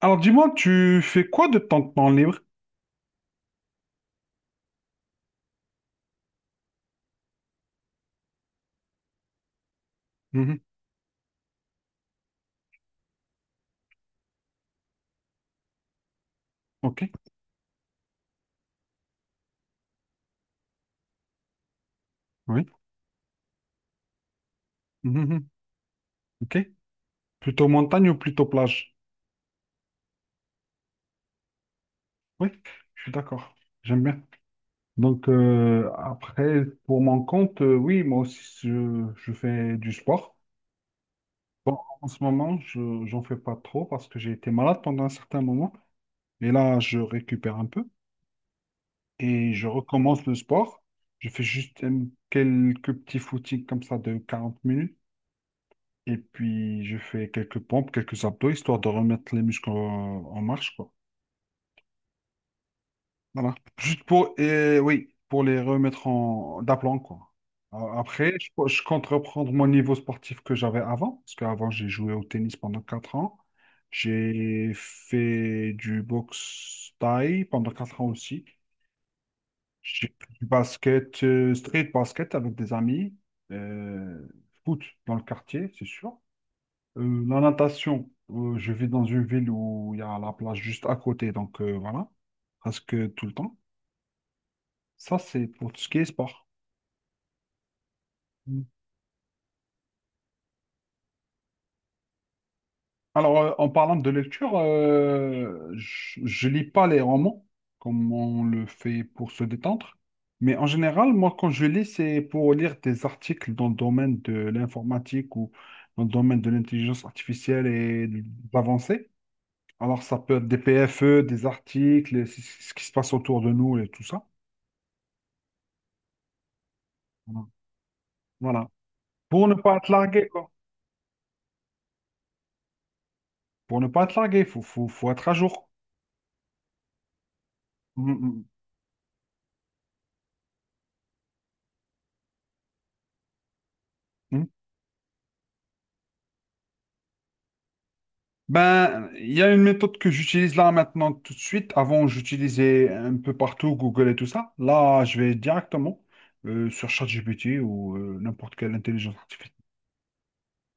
Alors dis-moi, tu fais quoi de ton temps libre? Mhm. Ok, oui. Mhm, mhm. Ok. Plutôt montagne ou plutôt plage? Oui, je suis d'accord. J'aime bien. Donc, après, pour mon compte, oui, moi aussi, je fais du sport. Bon, en ce moment, j'en fais pas trop parce que j'ai été malade pendant un certain moment. Et là, je récupère un peu et je recommence le sport. Je fais juste quelques petits footings comme ça de 40 minutes. Et puis, je fais quelques pompes, quelques abdos, histoire de remettre les muscles en marche, quoi. Voilà. Juste pour, et oui, pour les remettre en d'aplomb, quoi. Après, je compte reprendre mon niveau sportif que j'avais avant, parce qu'avant, j'ai joué au tennis pendant 4 ans. J'ai fait du boxe thaï pendant 4 ans aussi. J'ai fait du basket, street basket avec des amis. Euh, foot dans le quartier, c'est sûr. La natation, je vis dans une ville où il y a la plage juste à côté, donc voilà, presque tout le temps. Ça, c'est pour tout ce qui est sport. Mm. Alors, en parlant de lecture, je lis pas les romans comme on le fait pour se détendre, mais en général, moi, quand je lis, c'est pour lire des articles dans le domaine de l'informatique ou dans le domaine de l'intelligence artificielle et de l'avancée. Alors, ça peut être des PFE, des articles, ce qui se passe autour de nous et tout ça. Voilà. Voilà. Pour ne pas te larguer, quoi. Pour ne pas te larguer, il faut être à jour. Mm, mm, mm. Ben, il y a une méthode que j'utilise là maintenant tout de suite. Avant, j'utilisais un peu partout Google et tout ça. Là, je vais directement sur ChatGPT ou n'importe quelle intelligence artificielle.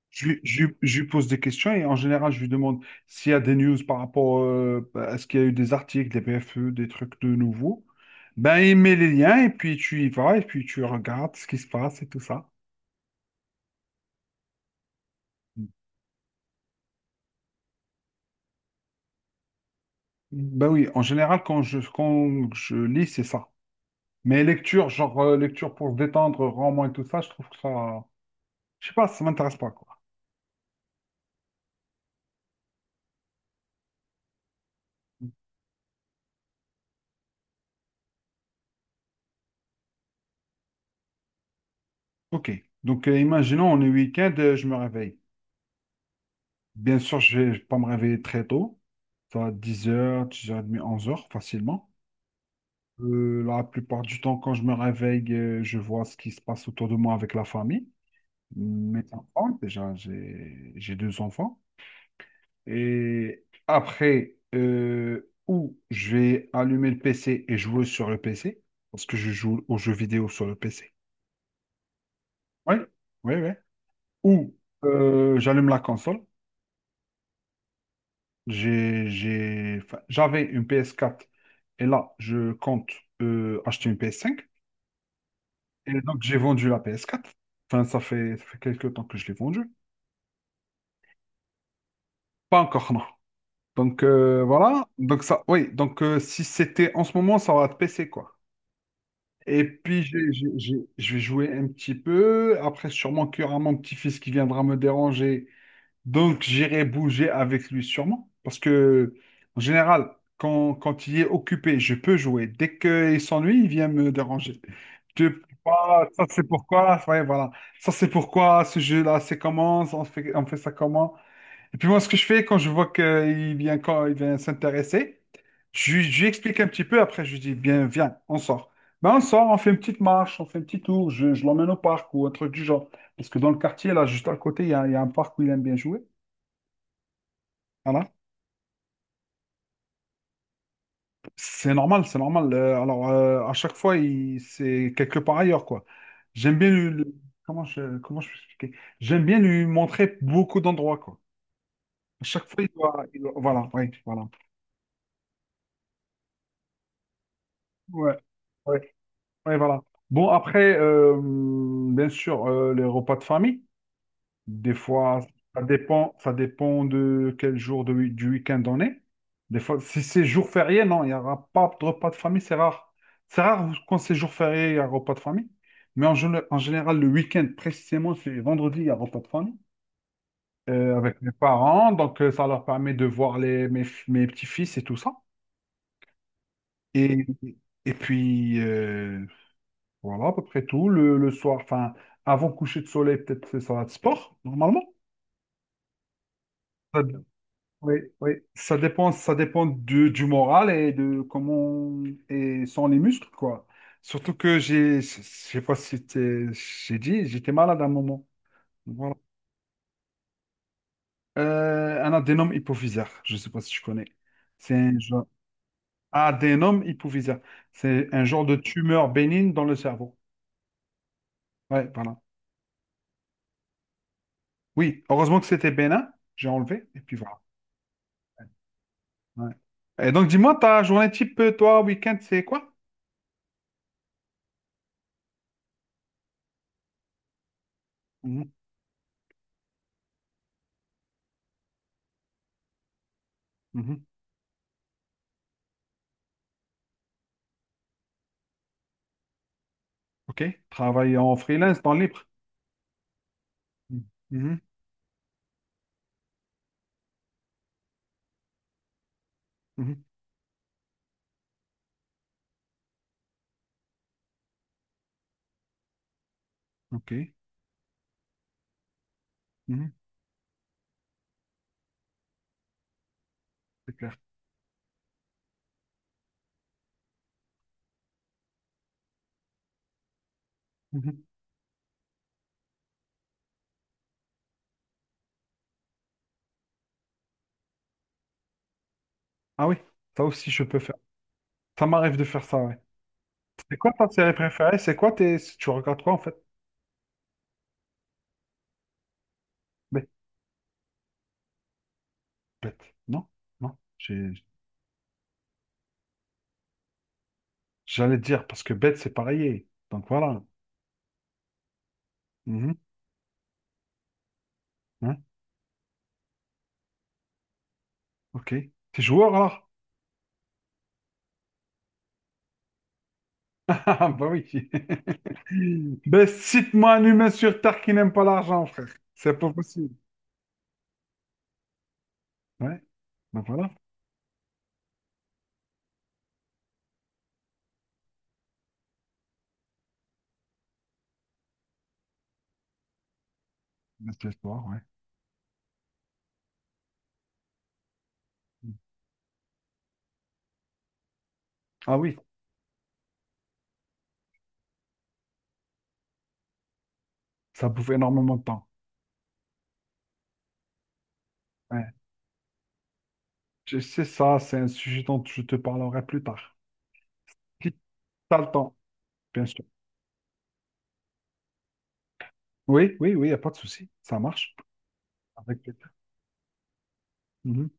Je lui pose des questions et en général, je lui demande s'il y a des news par rapport à ce qu'il y a eu des articles, des PFE, des trucs de nouveau. Ben, il met les liens et puis tu y vas et puis tu regardes ce qui se passe et tout ça. Ben oui, en général, quand je lis, c'est ça. Mais lecture, genre lecture pour se détendre, roman et tout ça, je trouve que ça... Je sais pas, ça m'intéresse pas, quoi. Ok, donc imaginons, on est week-end, je me réveille. Bien sûr, je vais pas me réveiller très tôt. Ça va être 10h, 10h30, 11h, facilement. La plupart du temps, quand je me réveille, je vois ce qui se passe autour de moi avec la famille. Mes enfants, déjà, j'ai deux enfants. Et après, ou je vais allumer le PC et jouer sur le PC, parce que je joue aux jeux vidéo sur le PC. Oui, oui, oui. Ou j'allume la console. Enfin, j'avais une PS4 et là, je compte acheter une PS5. Et donc, j'ai vendu la PS4. Enfin, ça fait quelques temps que je l'ai vendue. Pas encore, non. Donc, voilà. Donc, ça, oui. Donc, si c'était en ce moment, ça va être PC, quoi. Et puis, je vais jouer un petit peu. Après, sûrement qu'il y aura mon petit-fils qui viendra me déranger. Donc, j'irai bouger avec lui sûrement. Parce que, en général, quand il est occupé, je peux jouer. Dès qu'il s'ennuie, il vient me déranger. Je peux pas, ça, c'est pourquoi. Ouais, voilà. Ça, c'est pourquoi ce jeu-là, c'est comment? On fait ça comment? Et puis moi, ce que je fais quand je vois qu'il vient, quand il vient s'intéresser, je lui explique un petit peu, après je lui dis, bien, viens, on sort. Ben, on sort, on fait une petite marche, on fait un petit tour, je l'emmène au parc ou un truc du genre. Parce que dans le quartier, là, juste à côté, il y a un parc où il aime bien jouer. Voilà. C'est normal, c'est normal. Alors, à chaque fois, c'est quelque part ailleurs, quoi. J'aime bien lui, le- comment je peux expliquer? J'aime bien lui montrer beaucoup d'endroits, quoi. À chaque fois, voilà, oui, voilà. Ouais. Ouais, voilà. Bon, après, bien sûr, les repas de famille, des fois, ça dépend de quel jour de, wi- du week-end on est. Des fois, si c'est jour férié, non, il n'y aura pas de repas de famille, c'est rare. C'est rare quand c'est jour férié, il y a repas de famille. Mais en général, le week-end, précisément, c'est vendredi, il y a repas de famille avec mes parents. Donc, ça leur permet de voir les, mes petits-fils et tout ça. Et, et puis, voilà, à peu près tout. Le soir, enfin, avant coucher de soleil, peut-être c'est ça va de sport, normalement. Ça- oui, oui. Ça dépend du moral et de comment et sont les muscles, quoi. Surtout que je sais pas si t'es- j'ai dit, j'étais malade à un moment. Voilà. Un adénome hypophysaire, je sais pas si tu connais. C'est un genre adénome hypophysaire. C'est un genre de tumeur bénigne dans le cerveau. Ouais, voilà. Oui, heureusement que c'était bénin, j'ai enlevé, et puis voilà. Ouais. Et donc, dis-moi, ta journée type, toi, week-end, c'est quoi? Mhm, mhm, OK. Travail en freelance, temps libre. Mhm, mhm, mhm, OK. Mhm. C'est clair. Mhm. Ah oui, ça aussi, je peux faire. Ça m'arrive de faire ça, ouais. C'est quoi ta série préférée? C'est quoi tes... Tu regardes quoi, en fait? Bête. Bête. Non? Non. J'allais dire, parce que bête, c'est pareil. Donc, voilà. Mhm, hein, OK. T'es joueur, alors? Ah, bah oui. Ben, cite-moi un humain sur Terre qui n'aime pas l'argent, frère. C'est pas possible. Ouais. Ben voilà, ben, c'est l'histoire, ouais. Ah oui, ça bouffe énormément de temps. Ouais. Je sais ça, c'est un sujet dont je te parlerai plus tard. Si t'as le temps, bien sûr. Oui, oui, oui, il n'y a pas de souci. Ça marche. Avec plaisir. Mhm.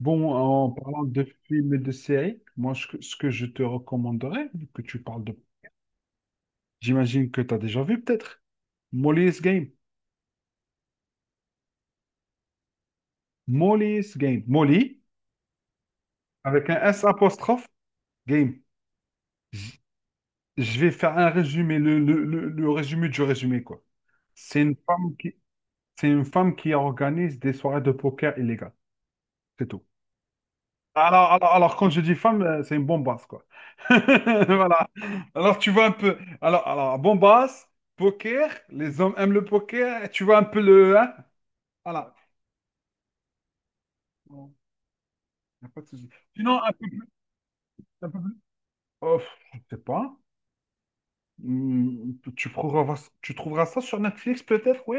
Bon, en parlant de films et de séries, moi, ce que je te recommanderais, vu que tu parles de... J'imagine que tu as déjà vu peut-être. Molly's Game. Molly's Game. Molly, avec un S apostrophe Game, je vais faire un résumé, le résumé du résumé, quoi. C'est une femme qui, c'est une femme qui organise des soirées de poker illégales. C'est tout. Alors, quand je dis femme, c'est une bombasse, quoi. Voilà. Alors, tu vois un peu. Alors, bombasse, poker, les hommes aiment le poker, tu vois un peu le. Hein. Voilà. Bon, y a pas de souci. Sinon, un peu plus. Un peu plus. Oh, je sais pas. Hmm. Tu trouveras ça sur Netflix, peut-être, oui?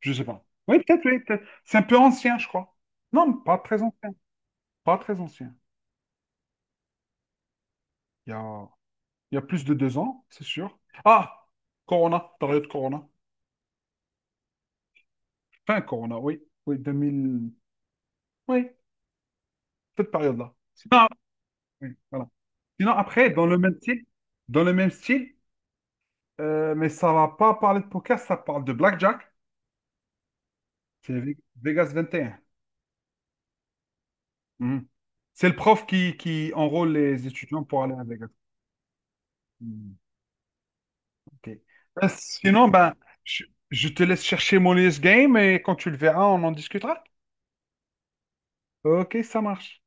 Je sais pas. Oui, peut-être, oui, peut-être. C'est un peu ancien, je crois. Non, pas très ancien. Pas très ancien. Il y a, il y a plus de 2 ans, c'est sûr. Ah! Corona, période Corona. Fin Corona, oui. Oui, 2000. Oui, cette période-là. Sinon, ah, oui, voilà. Sinon, après, dans le même style, mais ça va pas parler de poker, ça parle de blackjack. C'est Ve- Vegas 21. Mhm. C'est le prof qui enrôle les étudiants pour aller avec. Mhm. Ok. Ben, sinon, je, je te laisse chercher mon US Game et quand tu le verras, on en discutera. Ok, ça marche.